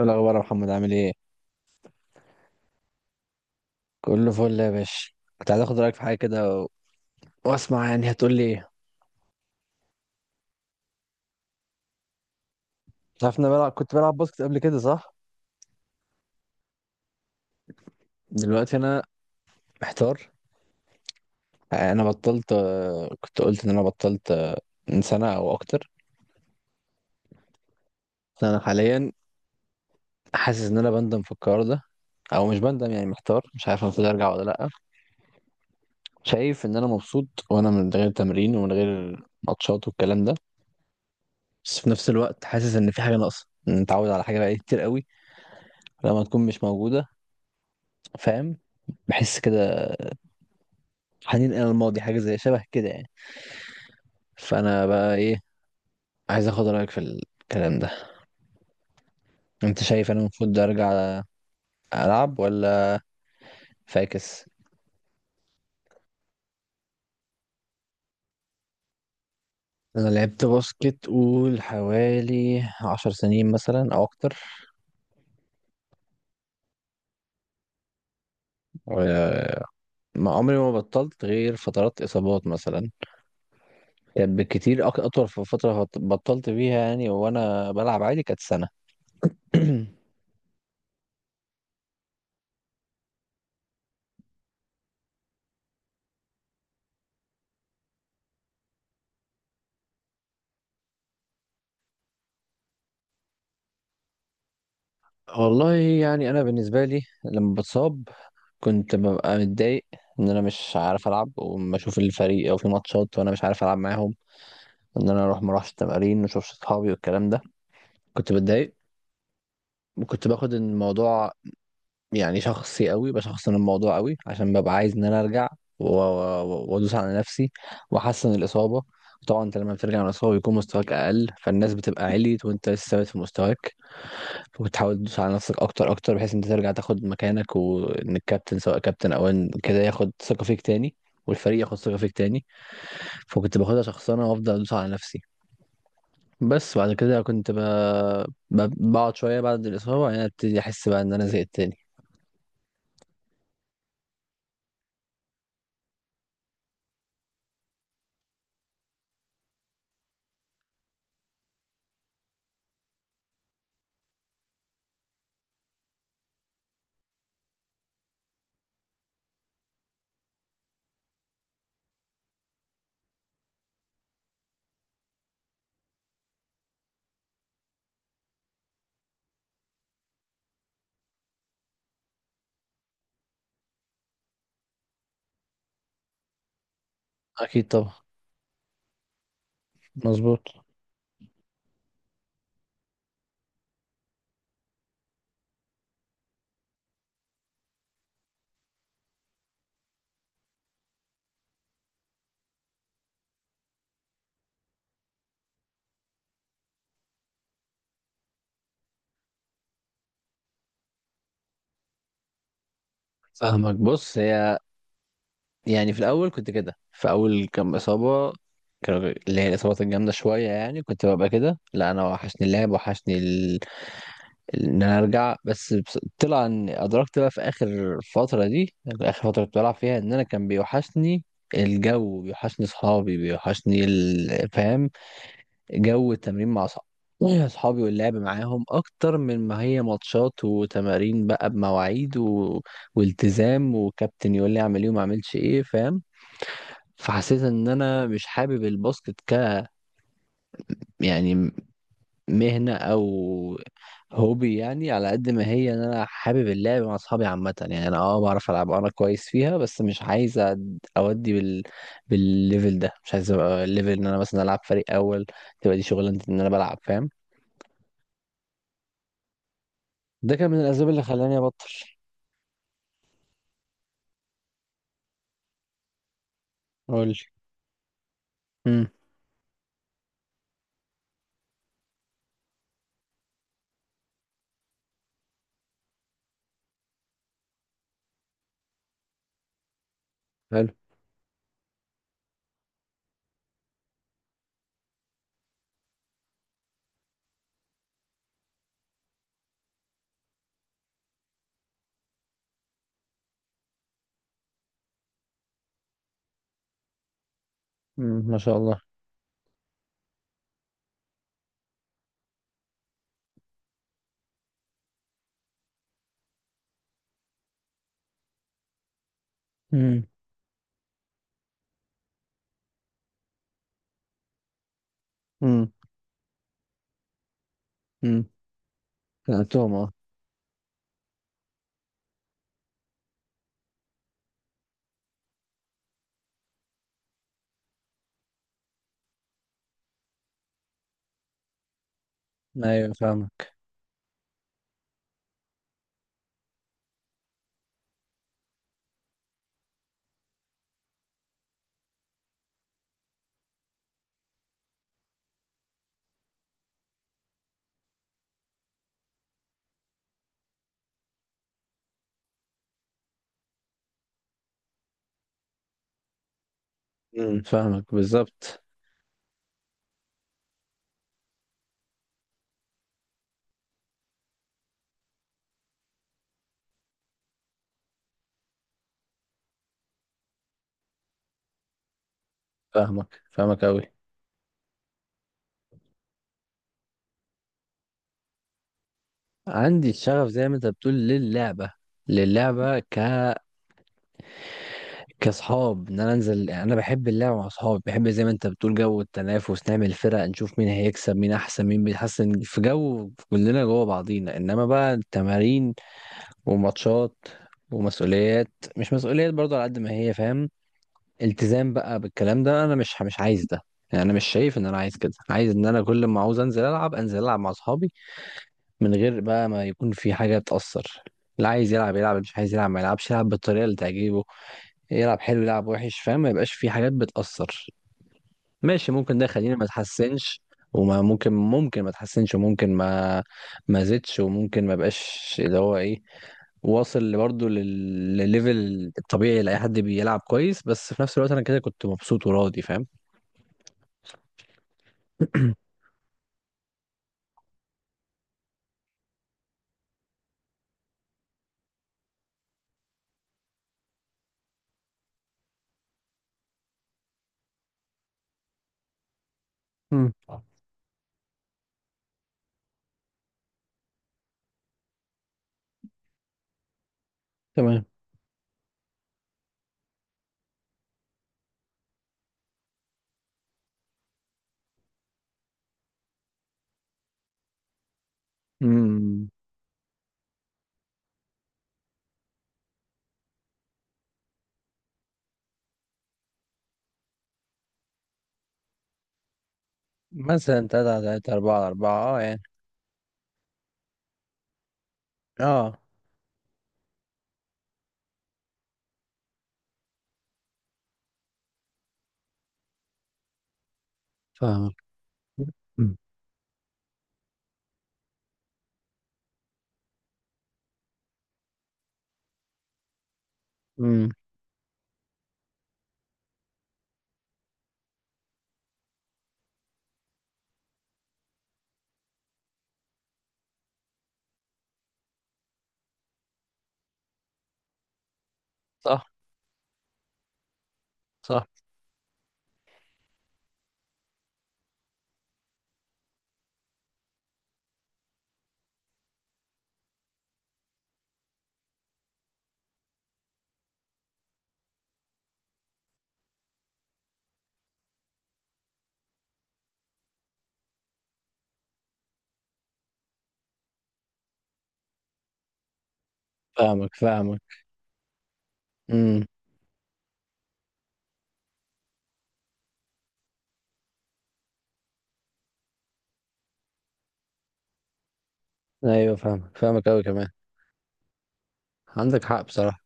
ايه الاخبار يا محمد، عامل ايه؟ كله فل يا باشا. كنت عايز اخد رايك في حاجه كده واسمع يعني هتقول لي ايه؟ انت عارف إن انا كنت بلعب باسكت قبل كده، صح؟ دلوقتي انا محتار. انا بطلت، كنت قلت ان انا بطلت، من سنه او اكتر. انا حاليا حاسس ان انا بندم في القرار ده، او مش بندم، يعني محتار مش عارف المفروض ارجع ولا لا. شايف ان انا مبسوط وانا من غير تمرين ومن غير ماتشات والكلام ده، بس في نفس الوقت حاسس ان في حاجه ناقصه، إن متعود على حاجه بقالي كتير قوي لما تكون مش موجوده، فاهم؟ بحس كده، حنين الى الماضي، حاجه زي شبه كده يعني. فانا بقى ايه، عايز اخد رايك في الكلام ده. انت شايف انا المفروض ارجع العب ولا فاكس؟ انا لعبت باسكت، قول حوالي 10 سنين مثلا او اكتر. و- ما عمري ما بطلت غير فترات اصابات مثلا، كانت بالكتير اطول في فتره بطلت فيها يعني، وانا بلعب عادي كانت سنه. والله يعني انا بالنسبه لي لما بتصاب كنت ببقى متضايق، ان انا مش عارف العب وما اشوف الفريق او في ماتشات وانا مش عارف العب معاهم، ان انا اروح ما اروحش التمارين ما اشوفش اصحابي والكلام ده. كنت بتضايق، وكنت باخد الموضوع يعني شخصي قوي، بشخصن الموضوع قوي عشان ببقى عايز ان انا ارجع، وادوس على نفسي واحسن الاصابه. طبعا انت لما بترجع من الاصابه بيكون مستواك اقل، فالناس بتبقى عليت وانت لسه ثابت في مستواك، وبتحاول تدوس على نفسك اكتر اكتر، بحيث انت ترجع تاخد مكانك، وان الكابتن سواء كابتن او ان كده ياخد ثقة فيك تاني، والفريق ياخد ثقة فيك تاني. فكنت باخدها شخصنة وافضل ادوس على نفسي. بس بعد كده كنت بقعد شوية بعد الإصابة، وبعدين ابتدي احس بقى ان انا زهقت تاني. اكيد طبعا. مظبوط. فاهمك، بص هي يعني في الاول كنت كده في اول كام اصابة، اللي هي الإصابات الجامدة شوية، يعني كنت ببقى كده، لا أنا وحشني اللعب، وحشني ان انا ارجع، طلع ان ادركت بقى في اخر فتره دي، اخر فتره كنت بلعب فيها ان انا كان بيوحشني الجو، بيوحشني اصحابي، بيوحشني فاهم؟ جو التمرين مع اصحابي، اصحابي واللعب معاهم، اكتر من ما هي ماتشات وتمارين بقى بمواعيد والتزام وكابتن يقول لي اعمل ايه وما اعملش ايه، فاهم؟ فحسيت ان انا مش حابب الباسكت يعني مهنة أو هوبي، يعني على قد ما هي إن أنا حابب اللعب مع أصحابي عامة، يعني أنا بعرف ألعب أنا كويس فيها، بس مش عايز أودي بالليفل ده، مش عايز أبقى الليفل إن أنا مثلا ألعب فريق أول، تبقى دي شغلانتي إن أنا بلعب، فاهم؟ ده كان من الأسباب اللي خلاني أبطل. قولي. امم. حلو. امم، ما شاء الله. امم. امم. امم. لعبتهم، أه. أيوه، فاهمك. امم. فاهمك بالظبط. فاهمك، فاهمك أوي. عندي الشغف زي ما انت بتقول للعبة، للعبة، كاصحاب ان انا انزل، يعني انا بحب اللعب مع اصحابي، بحب زي ما انت بتقول جو التنافس، نعمل فرق، نشوف مين هيكسب، مين احسن، مين بيتحسن، في جو كلنا جوه بعضينا. انما بقى التمارين وماتشات ومسؤوليات، مش مسؤوليات برضه على قد ما هي، فاهم؟ التزام بقى بالكلام ده، انا مش عايز ده. يعني انا مش شايف ان انا عايز كده، عايز ان انا كل ما عاوز انزل العب انزل العب مع اصحابي، من غير بقى ما يكون في حاجة تأثر. اللي عايز يلعب يلعب، اللي مش عايز يلعب ما يلعبش، يلعب بالطريقة اللي تعجبه، يلعب حلو يلعب وحش، فاهم؟ ما يبقاش في حاجات بتأثر. ماشي، ممكن ده يخلينا ما تحسنش، وما ممكن ما تحسنش، وممكن ما زدش، وممكن ما بقاش اللي هو ايه، واصل برضه للليفل الطبيعي لأي حد بيلعب كويس، بس في نفس الوقت انا كده كنت مبسوط وراضي، فاهم؟ مم. تمام. امم. مثلا 3 على 3، 4 على 4، اه يعني. اه. فاهمك. مم. امم. صح. صح. فاهمك، فاهمك. امم. ايوه، فاهمك، فاهمك قوي كمان. عندك حق بصراحة.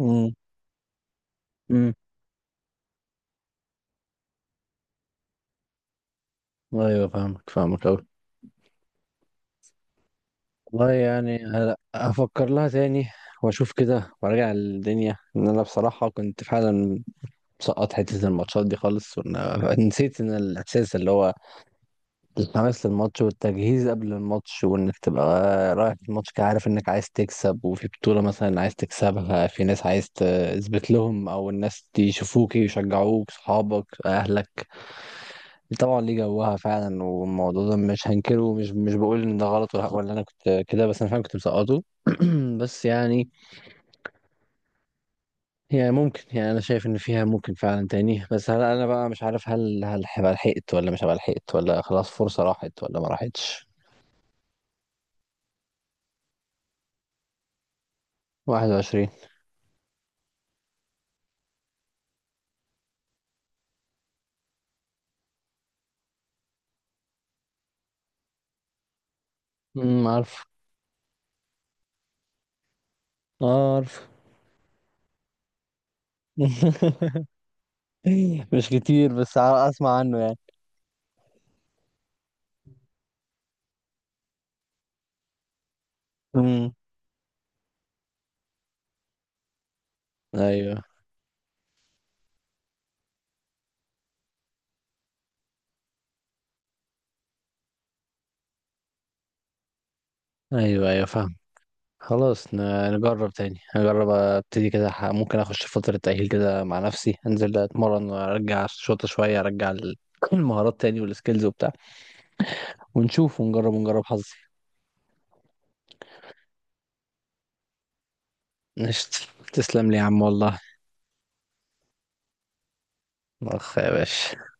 امم، امم. ايوه، فاهمك، فاهمك قوي. والله يعني هفكر لها تاني واشوف كده، وارجع الدنيا. ان انا بصراحة كنت فعلا مسقط حتة الماتشات دي خالص، نسيت ان الاحساس اللي هو الحماس للماتش والتجهيز قبل الماتش، وانك تبقى رايح الماتش كده عارف انك عايز تكسب، وفي بطولة مثلا عايز تكسبها، في ناس عايز تثبت لهم او الناس يشوفوك يشجعوك، صحابك، اهلك. طبعا ليه جوها فعلا، والموضوع ده مش هنكره، ومش مش بقول ان ده غلط ولا انا كنت كده، بس انا فعلا كنت مسقطه. بس يعني هي ممكن، يعني انا شايف ان فيها ممكن فعلا تاني، بس هل انا بقى مش عارف، هل هبقى لحقت ولا مش هبقى لحقت، ولا خلاص فرصة راحت ولا ما راحتش؟ 21. امم، عارف. اه، عارف. مش كتير، بس اسمع عنه يعني. امم. ايوه، ايوه، ايوه، فاهم. خلاص، نجرب تاني، نجرب ابتدي كده، ممكن اخش فترة تأهيل كده مع نفسي، انزل اتمرن وارجع الشوطة شوية، المهارات تاني والسكيلز وبتاع، ونشوف ونجرب، ونجرب حظي. قشطة. تسلم لي يا عم والله. اخ يا باشا.